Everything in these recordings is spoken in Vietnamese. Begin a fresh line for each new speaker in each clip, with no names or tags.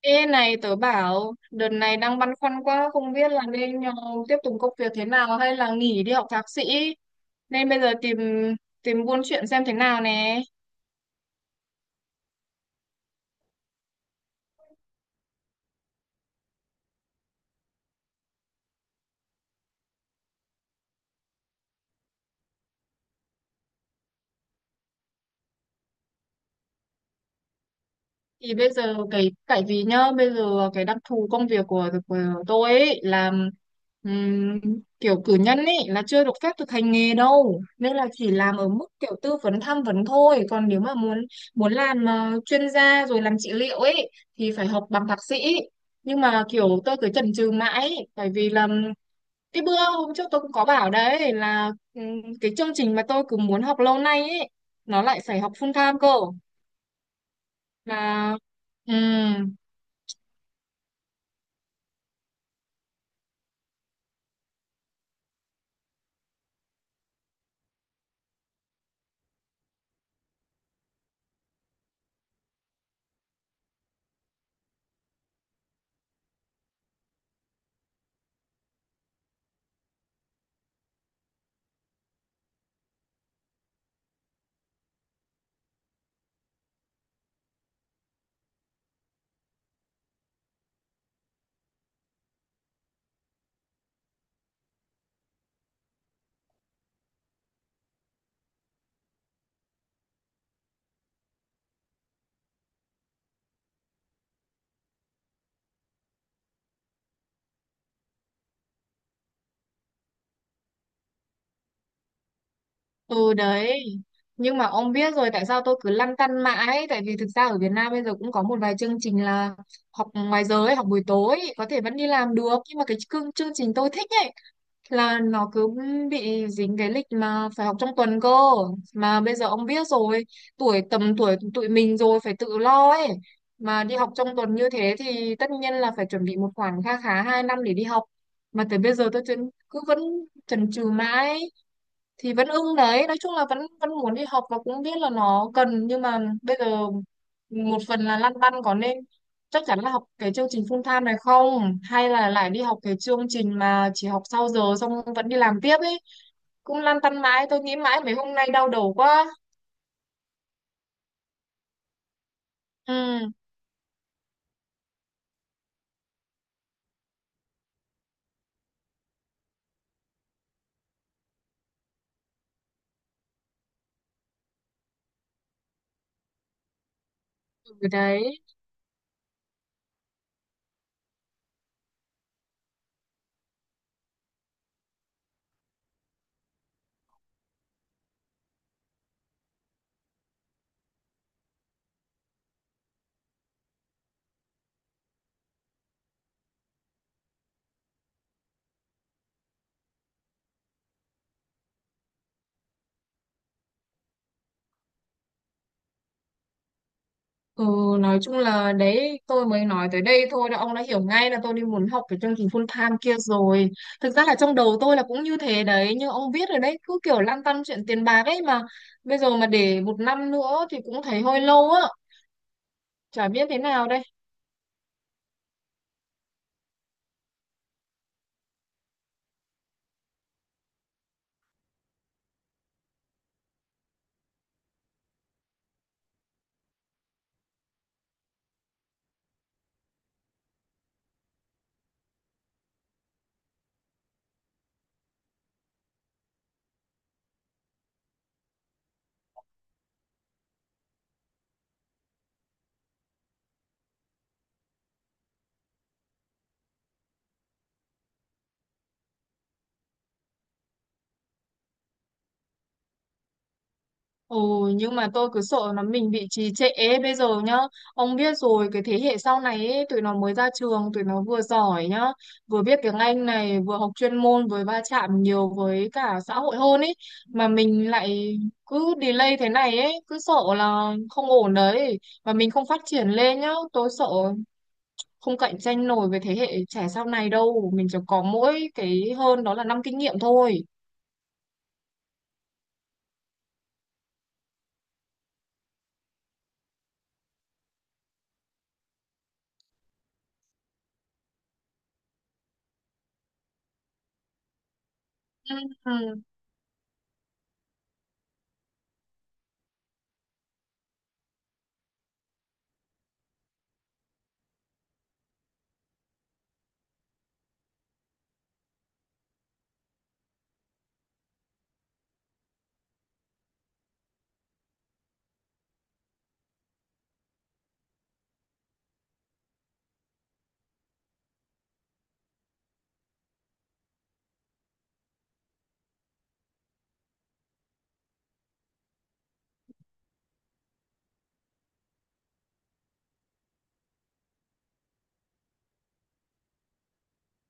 Ê này tớ bảo đợt này đang băn khoăn quá không biết là nên tiếp tục công việc thế nào hay là nghỉ đi học thạc sĩ, nên bây giờ tìm tìm buôn chuyện xem thế nào nè. Thì bây giờ cái tại vì nhá, bây giờ cái đặc thù công việc của tôi ấy là ừm, kiểu cử nhân ấy là chưa được phép thực hành nghề đâu, nên là chỉ làm ở mức kiểu tư vấn tham vấn thôi, còn nếu mà muốn muốn làm chuyên gia rồi làm trị liệu ấy thì phải học bằng thạc sĩ. Nhưng mà kiểu tôi cứ chần chừ mãi ấy, tại vì là cái bữa hôm trước tôi cũng có bảo đấy, là cái chương trình mà tôi cứ muốn học lâu nay ấy, nó lại phải học full time cơ mà. Ừ. Ừ đấy. Nhưng mà ông biết rồi tại sao tôi cứ lăn tăn mãi. Tại vì thực ra ở Việt Nam bây giờ cũng có một vài chương trình là học ngoài giờ ấy, học buổi tối ấy, có thể vẫn đi làm được. Nhưng mà cái chương trình tôi thích ấy là nó cứ bị dính cái lịch mà phải học trong tuần cơ. Mà bây giờ ông biết rồi, tuổi tầm tuổi tụi mình rồi phải tự lo ấy, mà đi học trong tuần như thế thì tất nhiên là phải chuẩn bị một khoản kha khá 2 năm để đi học. Mà tới bây giờ tôi cứ vẫn chần chừ mãi, thì vẫn ưng đấy, nói chung là vẫn vẫn muốn đi học và cũng biết là nó cần, nhưng mà bây giờ một phần là lăn tăn có nên chắc chắn là học cái chương trình full time này không, hay là lại đi học cái chương trình mà chỉ học sau giờ xong vẫn đi làm tiếp ấy. Cũng lăn tăn mãi, tôi nghĩ mãi mấy hôm nay đau đầu quá. Ừ. Ừ, đấy. Ừ, nói chung là đấy, tôi mới nói tới đây thôi đã, ông đã hiểu ngay là tôi đi muốn học cái chương trình full time kia rồi. Thực ra là trong đầu tôi là cũng như thế đấy, như ông biết rồi đấy, cứ kiểu lăn tăn chuyện tiền bạc ấy mà. Bây giờ mà để một năm nữa thì cũng thấy hơi lâu á, chả biết thế nào đây. Ồ, nhưng mà tôi cứ sợ là mình bị trì trệ ấy. Bây giờ nhá, ông biết rồi, cái thế hệ sau này ấy, tụi nó mới ra trường, tụi nó vừa giỏi nhá, vừa biết tiếng Anh này, vừa học chuyên môn, vừa va chạm nhiều với cả xã hội hơn ấy. Mà mình lại cứ delay thế này ấy, cứ sợ là không ổn đấy. Và mình không phát triển lên nhá, tôi sợ không cạnh tranh nổi với thế hệ trẻ sau này đâu. Mình chỉ có mỗi cái hơn đó là năm kinh nghiệm thôi. Ừ.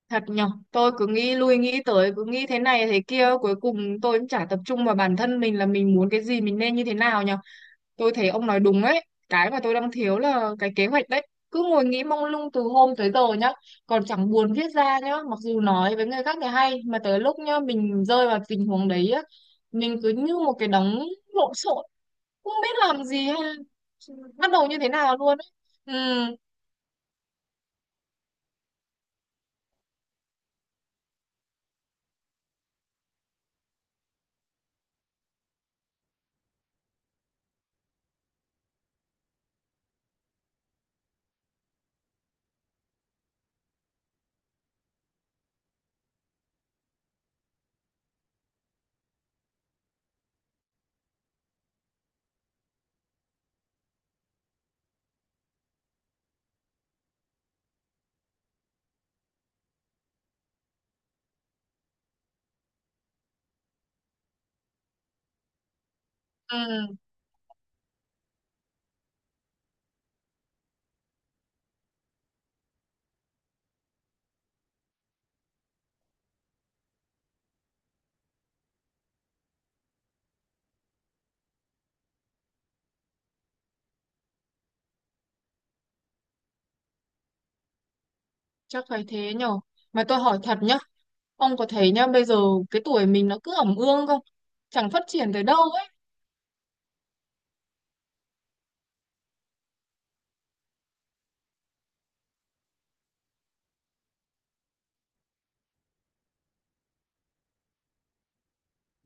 Thật nhở, tôi cứ nghĩ lui nghĩ tới, cứ nghĩ thế này thế kia, cuối cùng tôi cũng chả tập trung vào bản thân mình là mình muốn cái gì, mình nên như thế nào nhở. Tôi thấy ông nói đúng ấy, cái mà tôi đang thiếu là cái kế hoạch đấy. Cứ ngồi nghĩ mông lung từ hôm tới giờ nhá, còn chẳng buồn viết ra nhá, mặc dù nói với người khác thì hay, mà tới lúc nhá, mình rơi vào tình huống đấy á, mình cứ như một cái đống lộn xộn, không biết làm gì hay bắt đầu như thế nào luôn ấy. Ừ, ừ, chắc phải thế nhở. Mà tôi hỏi thật nhá, ông có thấy nhá, bây giờ cái tuổi mình nó cứ ẩm ương không? Chẳng phát triển tới đâu ấy.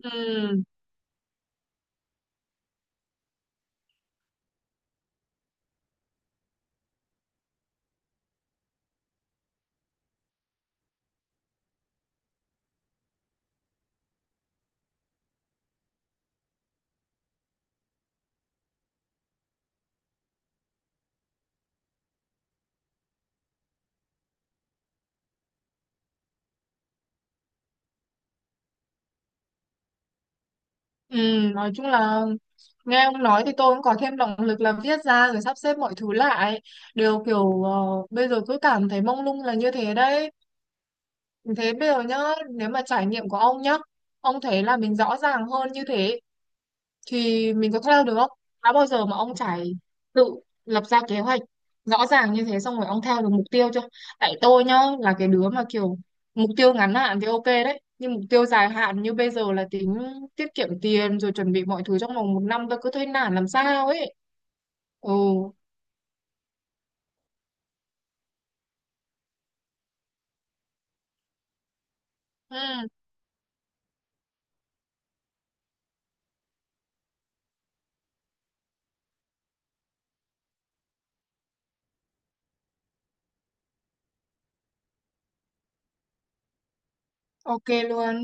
Ừ, ừ, nói chung là nghe ông nói thì tôi cũng có thêm động lực là viết ra rồi sắp xếp mọi thứ lại. Đều kiểu bây giờ cứ cảm thấy mông lung là như thế đấy. Thế bây giờ nhá, nếu mà trải nghiệm của ông nhá, ông thấy là mình rõ ràng hơn như thế thì mình có theo được không? Đã bao giờ mà ông tự lập ra kế hoạch rõ ràng như thế xong rồi ông theo được mục tiêu chưa? Tại tôi nhá, là cái đứa mà kiểu mục tiêu ngắn hạn thì ok đấy, nhưng mục tiêu dài hạn như bây giờ là tính tiết kiệm tiền rồi chuẩn bị mọi thứ trong vòng một năm, tôi cứ thấy nản làm sao ấy. Ồ. Ừ, ok luôn.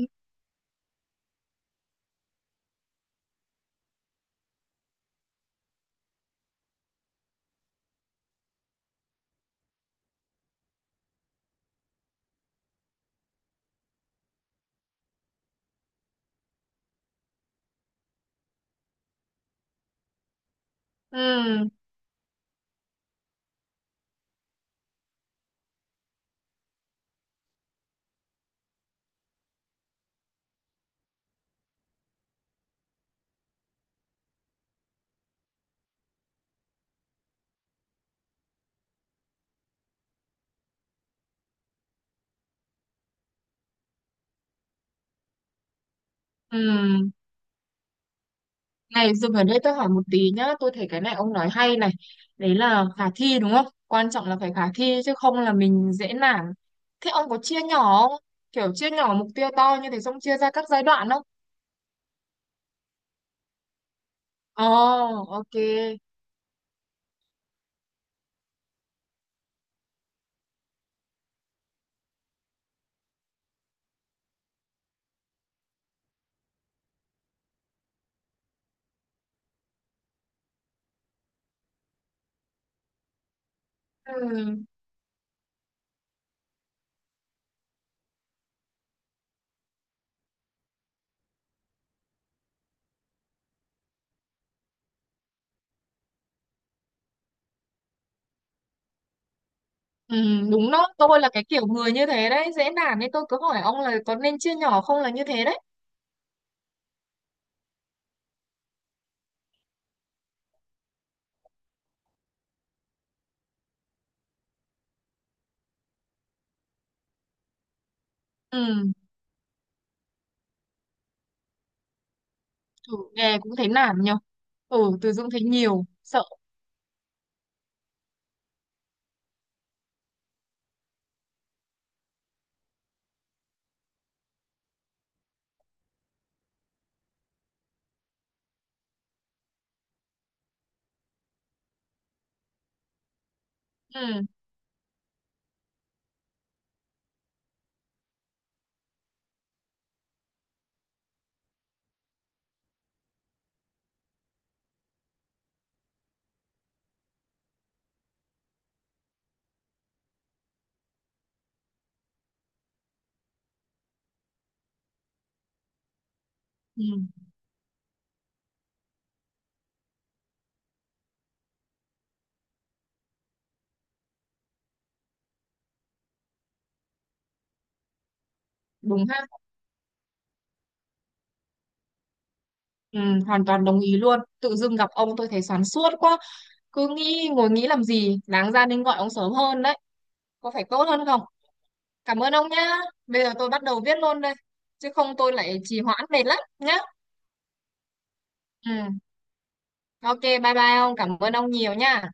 Ừ, ừ. Này, dừng ở đây tôi hỏi một tí nhá, tôi thấy cái này ông nói hay này. Đấy là khả thi đúng không? Quan trọng là phải khả thi chứ không là mình dễ nản. Thế ông có chia nhỏ không? Kiểu chia nhỏ mục tiêu to như thế xong chia ra các giai đoạn không? Ồ, ok. Ừ. Ừ, đúng đó, tôi là cái kiểu người như thế đấy, dễ nản nên tôi cứ hỏi ông là có nên chia nhỏ không là như thế đấy. Ừ, thử nghe cũng thấy nản nhở. Ừ, từ dưng thấy nhiều, sợ. Ừ, ừ, đúng ha. Ừ, hoàn toàn đồng ý luôn. Tự dưng gặp ông tôi thấy xoắn suốt quá. Cứ nghĩ ngồi nghĩ làm gì, đáng ra nên gọi ông sớm hơn đấy. Có phải tốt hơn không? Cảm ơn ông nhá. Bây giờ tôi bắt đầu viết luôn đây. Chứ không tôi lại trì hoãn mệt lắm nhá. Ừ, ok, bye bye ông. Cảm ơn ông nhiều nhá.